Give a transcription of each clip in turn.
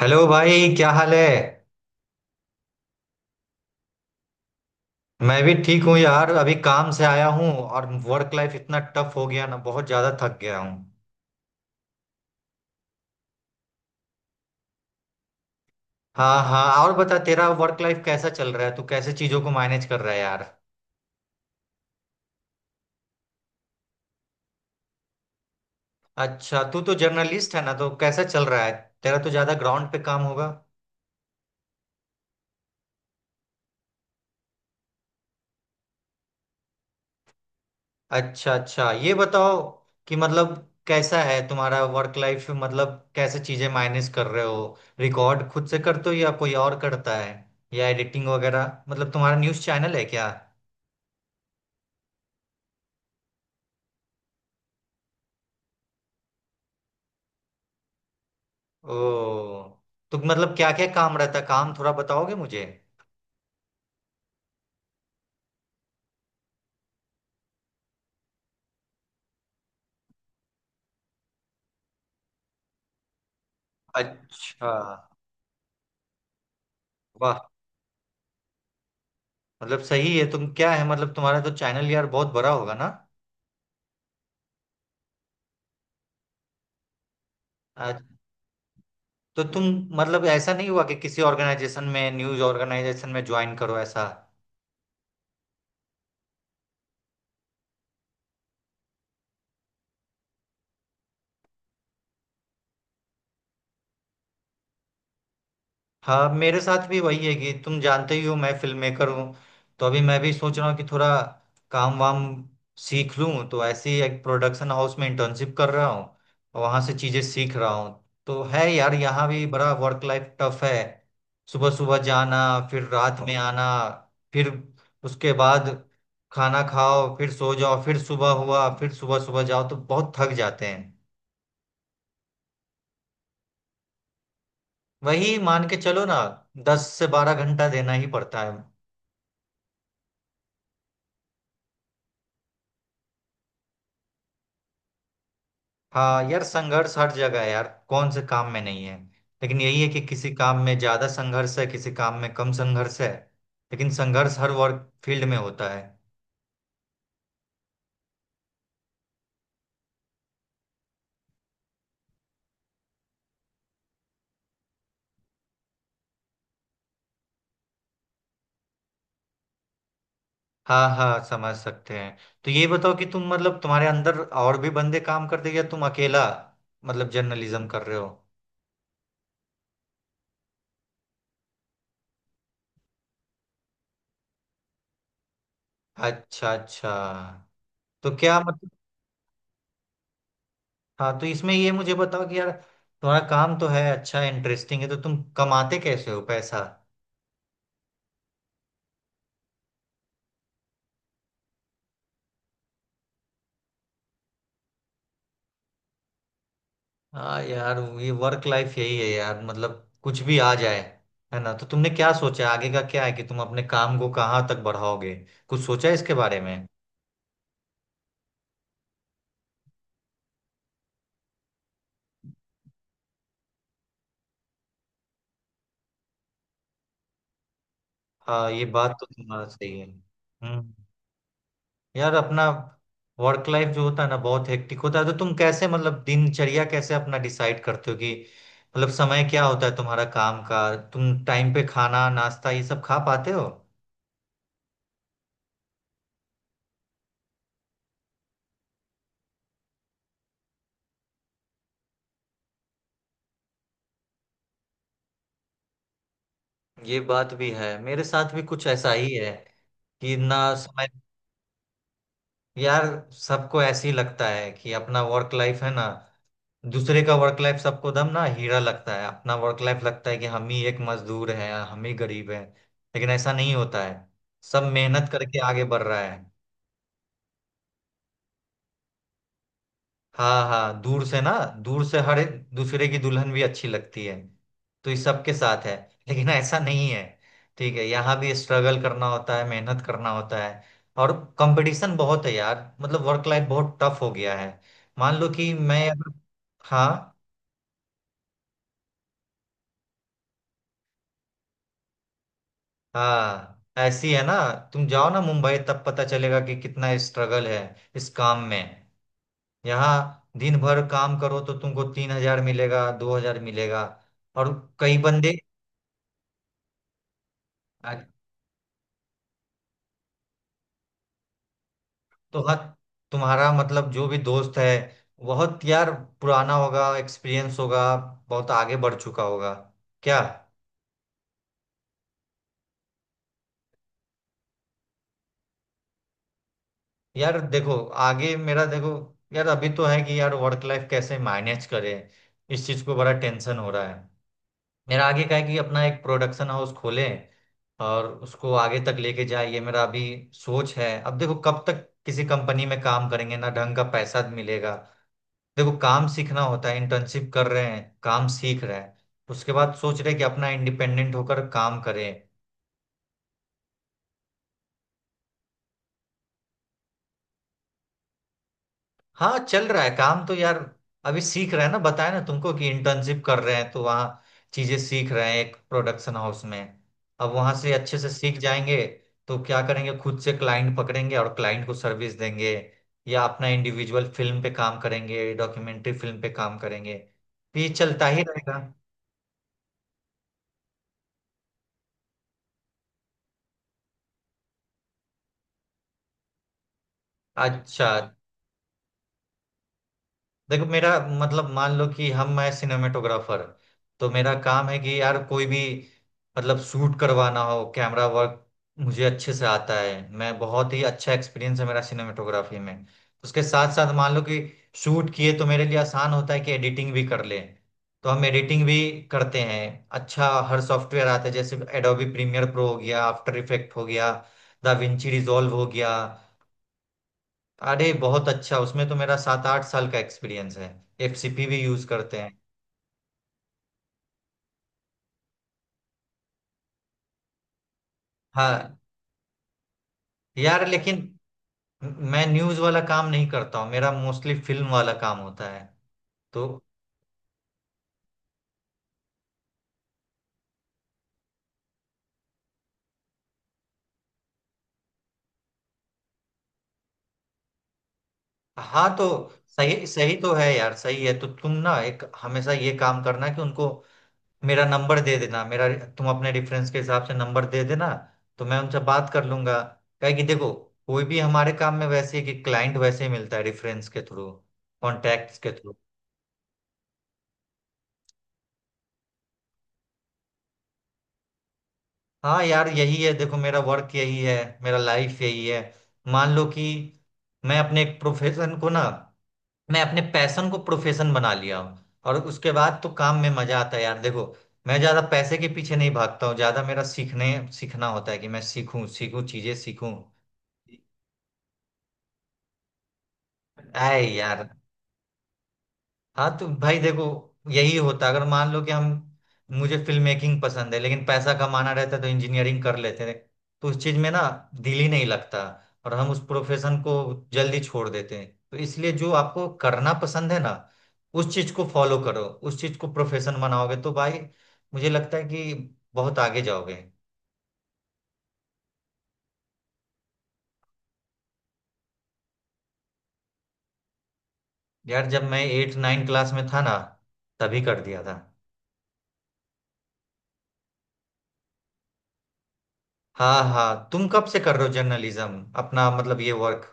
Hello भाई, क्या हाल है। मैं भी ठीक हूँ यार, अभी काम से आया हूँ और वर्क लाइफ इतना टफ हो गया ना, बहुत ज्यादा थक गया हूँ। हाँ हाँ, और बता तेरा वर्क लाइफ कैसा चल रहा है, तू कैसे चीजों को मैनेज कर रहा है यार। अच्छा, तू तो जर्नलिस्ट है ना, तो कैसा चल रहा है, तेरा तो ज्यादा ग्राउंड पे काम होगा। अच्छा अच्छा, ये बताओ कि मतलब कैसा है तुम्हारा वर्क लाइफ, मतलब कैसे चीजें मैनेज कर रहे हो, रिकॉर्ड खुद से करते हो या कोई और करता है, या एडिटिंग वगैरह, मतलब तुम्हारा न्यूज़ चैनल है क्या। ओ, तो मतलब क्या क्या काम रहता है, काम थोड़ा बताओगे मुझे। अच्छा। वाह, मतलब सही है, तुम क्या है मतलब तुम्हारा तो चैनल यार बहुत बड़ा होगा ना। आ, तो तुम मतलब ऐसा नहीं हुआ कि किसी ऑर्गेनाइजेशन में, न्यूज़ ऑर्गेनाइजेशन में ज्वाइन करो, ऐसा। हाँ, मेरे साथ भी वही है कि तुम जानते ही हो मैं फिल्म मेकर हूँ, तो अभी मैं भी सोच रहा हूँ कि थोड़ा काम वाम सीख लूँ, तो ऐसे ही एक प्रोडक्शन हाउस में इंटर्नशिप कर रहा हूँ और वहाँ से चीज़ें सीख रहा हूँ। तो है यार, यहाँ भी बड़ा वर्क लाइफ टफ है। सुबह सुबह जाना, फिर रात में आना, फिर उसके बाद खाना खाओ, फिर सो जाओ, फिर सुबह हुआ, फिर सुबह सुबह जाओ, तो बहुत थक जाते हैं। वही मान के चलो ना, 10 से 12 घंटा देना ही पड़ता है। हाँ यार, संघर्ष हर जगह है यार, कौन से काम में नहीं है। लेकिन यही है कि किसी काम में ज्यादा संघर्ष है, किसी काम में कम संघर्ष है। लेकिन संघर्ष हर वर्क फील्ड में होता है। हाँ हाँ, समझ सकते हैं। तो ये बताओ कि तुम मतलब तुम्हारे अंदर और भी बंदे काम करते हैं या तुम अकेला मतलब जर्नलिज्म कर रहे हो। अच्छा अच्छा, तो क्या मतलब। हाँ, तो इसमें ये मुझे बताओ कि यार तुम्हारा काम तो है अच्छा, इंटरेस्टिंग है, तो तुम कमाते कैसे हो पैसा। हाँ यार, ये वर्क लाइफ यही है यार, मतलब कुछ भी आ जाए है ना। तो तुमने क्या सोचा है? आगे का क्या है, कि तुम अपने काम को कहाँ तक बढ़ाओगे, कुछ सोचा है इसके बारे में। हाँ, ये बात तो तुम्हारा सही है। हम्म यार, अपना वर्क लाइफ जो होता है ना बहुत हेक्टिक होता है, तो तुम कैसे मतलब दिनचर्या कैसे अपना डिसाइड करते हो, कि मतलब समय क्या होता है तुम्हारा काम का, तुम टाइम पे खाना नाश्ता ये सब खा पाते हो। ये बात भी है, मेरे साथ भी कुछ ऐसा ही है कि ना समय। यार, सबको ऐसे ही लगता है कि अपना वर्क लाइफ है ना, दूसरे का वर्क लाइफ सबको दम ना हीरा लगता है, अपना वर्क लाइफ लगता है कि हम ही एक मजदूर हैं, हम ही गरीब हैं, लेकिन ऐसा नहीं होता है, सब मेहनत करके आगे बढ़ रहा है। हाँ हाँ, दूर से ना, दूर से हर एक दूसरे की दुल्हन भी अच्छी लगती है, तो ये सबके साथ है, लेकिन ऐसा नहीं है। ठीक है, यहाँ भी स्ट्रगल करना होता है, मेहनत करना होता है, और कंपटीशन बहुत है यार, मतलब वर्क लाइफ बहुत टफ हो गया है। मान लो कि मैं अगर। हाँ हाँ, ऐसी है ना, तुम जाओ ना मुंबई तब पता चलेगा कि कितना स्ट्रगल है इस काम में। यहाँ दिन भर काम करो तो तुमको 3 हज़ार मिलेगा, 2 हज़ार मिलेगा, और कई बंदे। तो हाँ, तुम्हारा मतलब जो भी दोस्त है, बहुत यार पुराना होगा, एक्सपीरियंस होगा, बहुत आगे बढ़ चुका होगा, क्या। यार देखो, आगे मेरा देखो, यार अभी तो है कि यार वर्क लाइफ कैसे मैनेज करें, इस चीज को बड़ा टेंशन हो रहा है। मेरा आगे का है कि अपना एक प्रोडक्शन हाउस खोलें, और उसको आगे तक लेके जाए, ये मेरा अभी सोच है। अब देखो कब तक किसी कंपनी में काम करेंगे, ना ढंग का पैसा मिलेगा। देखो काम सीखना होता है, इंटर्नशिप कर रहे हैं, काम सीख रहे हैं। उसके बाद सोच रहे हैं कि अपना इंडिपेंडेंट होकर काम करें। हाँ, चल रहा है काम तो यार, अभी सीख रहे हैं ना, बताया ना तुमको कि इंटर्नशिप कर रहे हैं, तो वहाँ चीजें सीख रहे हैं, एक प्रोडक्शन हाउस में। अब वहां से अच्छे से सीख जाएंगे, तो क्या करेंगे, खुद से क्लाइंट पकड़ेंगे और क्लाइंट को सर्विस देंगे, या अपना इंडिविजुअल फिल्म पे काम करेंगे, डॉक्यूमेंट्री फिल्म पे काम करेंगे, तो ये चलता ही रहेगा। अच्छा, देखो मेरा मतलब, मान लो कि हम, मैं सिनेमेटोग्राफर, तो मेरा काम है कि यार कोई भी मतलब शूट करवाना हो, कैमरा वर्क मुझे अच्छे से आता है, मैं बहुत ही अच्छा एक्सपीरियंस है मेरा सिनेमेटोग्राफी में। उसके साथ साथ मान लो कि शूट किए, तो मेरे लिए आसान होता है कि एडिटिंग भी कर लें, तो हम एडिटिंग भी करते हैं। अच्छा, हर सॉफ्टवेयर आता है, जैसे एडोबी प्रीमियर प्रो हो गया, आफ्टर इफेक्ट हो गया, Da Vinci रिजॉल्व हो गया। अरे बहुत अच्छा, उसमें तो मेरा 7 8 साल का एक्सपीरियंस है, एफसीपी भी यूज करते हैं। हाँ यार, लेकिन मैं न्यूज वाला काम नहीं करता हूँ, मेरा मोस्टली फिल्म वाला काम होता है। तो हाँ, तो सही सही तो है यार, सही है, तो तुम ना एक हमेशा ये काम करना कि उनको मेरा नंबर दे देना, मेरा, तुम अपने रेफरेंस के हिसाब से नंबर दे देना, तो मैं उनसे बात कर लूंगा। क्या है कि देखो, कोई भी हमारे काम में वैसे है कि क्लाइंट वैसे ही मिलता है, रेफरेंस के थ्रू, कॉन्टैक्ट्स के थ्रू। हाँ यार यही है, देखो मेरा वर्क यही है, मेरा लाइफ यही है। मान लो कि मैं अपने एक प्रोफेशन को ना, मैं अपने पैशन को प्रोफेशन बना लिया हूँ, और उसके बाद तो काम में मजा आता है यार। देखो मैं ज्यादा पैसे के पीछे नहीं भागता हूँ, ज्यादा मेरा सीखने सीखना होता है कि मैं सीखूं सीखूं चीजें सीखूं। आए यार, हाँ तो भाई देखो, यही होता अगर मान लो कि हम, मुझे फिल्म मेकिंग पसंद है, लेकिन पैसा कमाना रहता तो इंजीनियरिंग कर लेते हैं, तो उस चीज में ना दिल ही नहीं लगता, और हम उस प्रोफेशन को जल्दी छोड़ देते हैं। तो इसलिए जो आपको करना पसंद है ना, उस चीज को फॉलो करो, उस चीज को प्रोफेशन बनाओगे तो भाई मुझे लगता है कि बहुत आगे जाओगे। यार, जब मैं 8 9 क्लास में था ना, तभी कर दिया था। हाँ हाँ, तुम कब से कर रहे हो जर्नलिज्म अपना मतलब ये वर्क।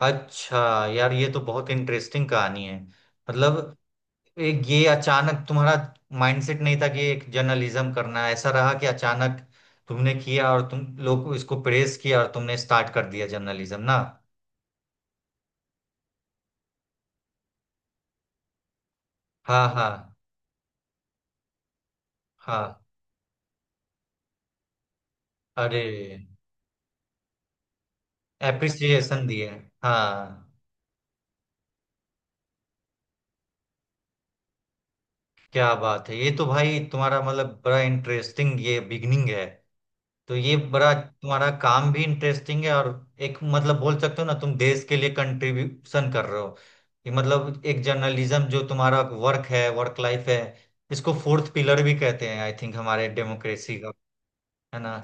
अच्छा यार, ये तो बहुत इंटरेस्टिंग कहानी है, मतलब एक ये अचानक तुम्हारा माइंडसेट नहीं था कि एक जर्नलिज्म करना है। ऐसा रहा कि अचानक तुमने किया और तुम लोग इसको प्रेस किया और तुमने स्टार्ट कर दिया जर्नलिज्म ना। हाँ हाँ हाँ। अरे, एप्रिसिएशन दिए। हाँ। क्या बात है, ये तो भाई तुम्हारा मतलब बड़ा इंटरेस्टिंग ये बिगनिंग है, तो ये बड़ा तुम्हारा काम भी इंटरेस्टिंग है, और एक मतलब बोल सकते हो ना तुम देश के लिए कंट्रीब्यूशन कर रहे हो, ये मतलब एक जर्नलिज्म जो तुम्हारा वर्क है, वर्क लाइफ है, इसको फोर्थ पिलर भी कहते हैं आई थिंक हमारे डेमोक्रेसी का, है ना।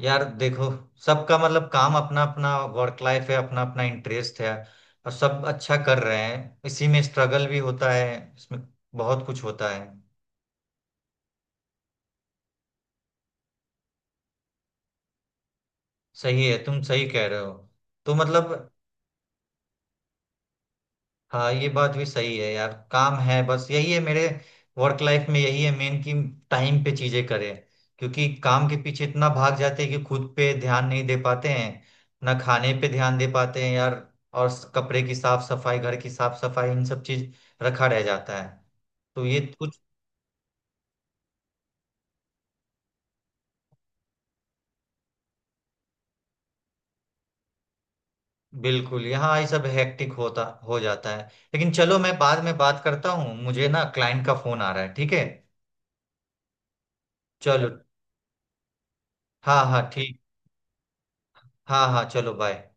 यार देखो, सबका मतलब काम, अपना अपना वर्क लाइफ है, अपना अपना इंटरेस्ट है, और सब अच्छा कर रहे हैं, इसी में स्ट्रगल भी होता है, इसमें बहुत कुछ होता है। सही है, तुम सही कह रहे हो, तो मतलब। हाँ, ये बात भी सही है यार, काम है, बस यही है मेरे वर्क लाइफ में, यही है मेन कि टाइम पे चीजें करें, क्योंकि काम के पीछे इतना भाग जाते हैं कि खुद पे ध्यान नहीं दे पाते हैं, ना खाने पे ध्यान दे पाते हैं यार, और कपड़े की साफ सफाई, घर की साफ सफाई, इन सब चीज रखा रह जाता है, तो ये कुछ। बिल्कुल, यहाँ ये सब हेक्टिक होता हो जाता है, लेकिन चलो मैं बाद में बात करता हूँ, मुझे ना क्लाइंट का फोन आ रहा है, ठीक है। चलो, हाँ हाँ ठीक। हाँ हाँ, चलो बाय।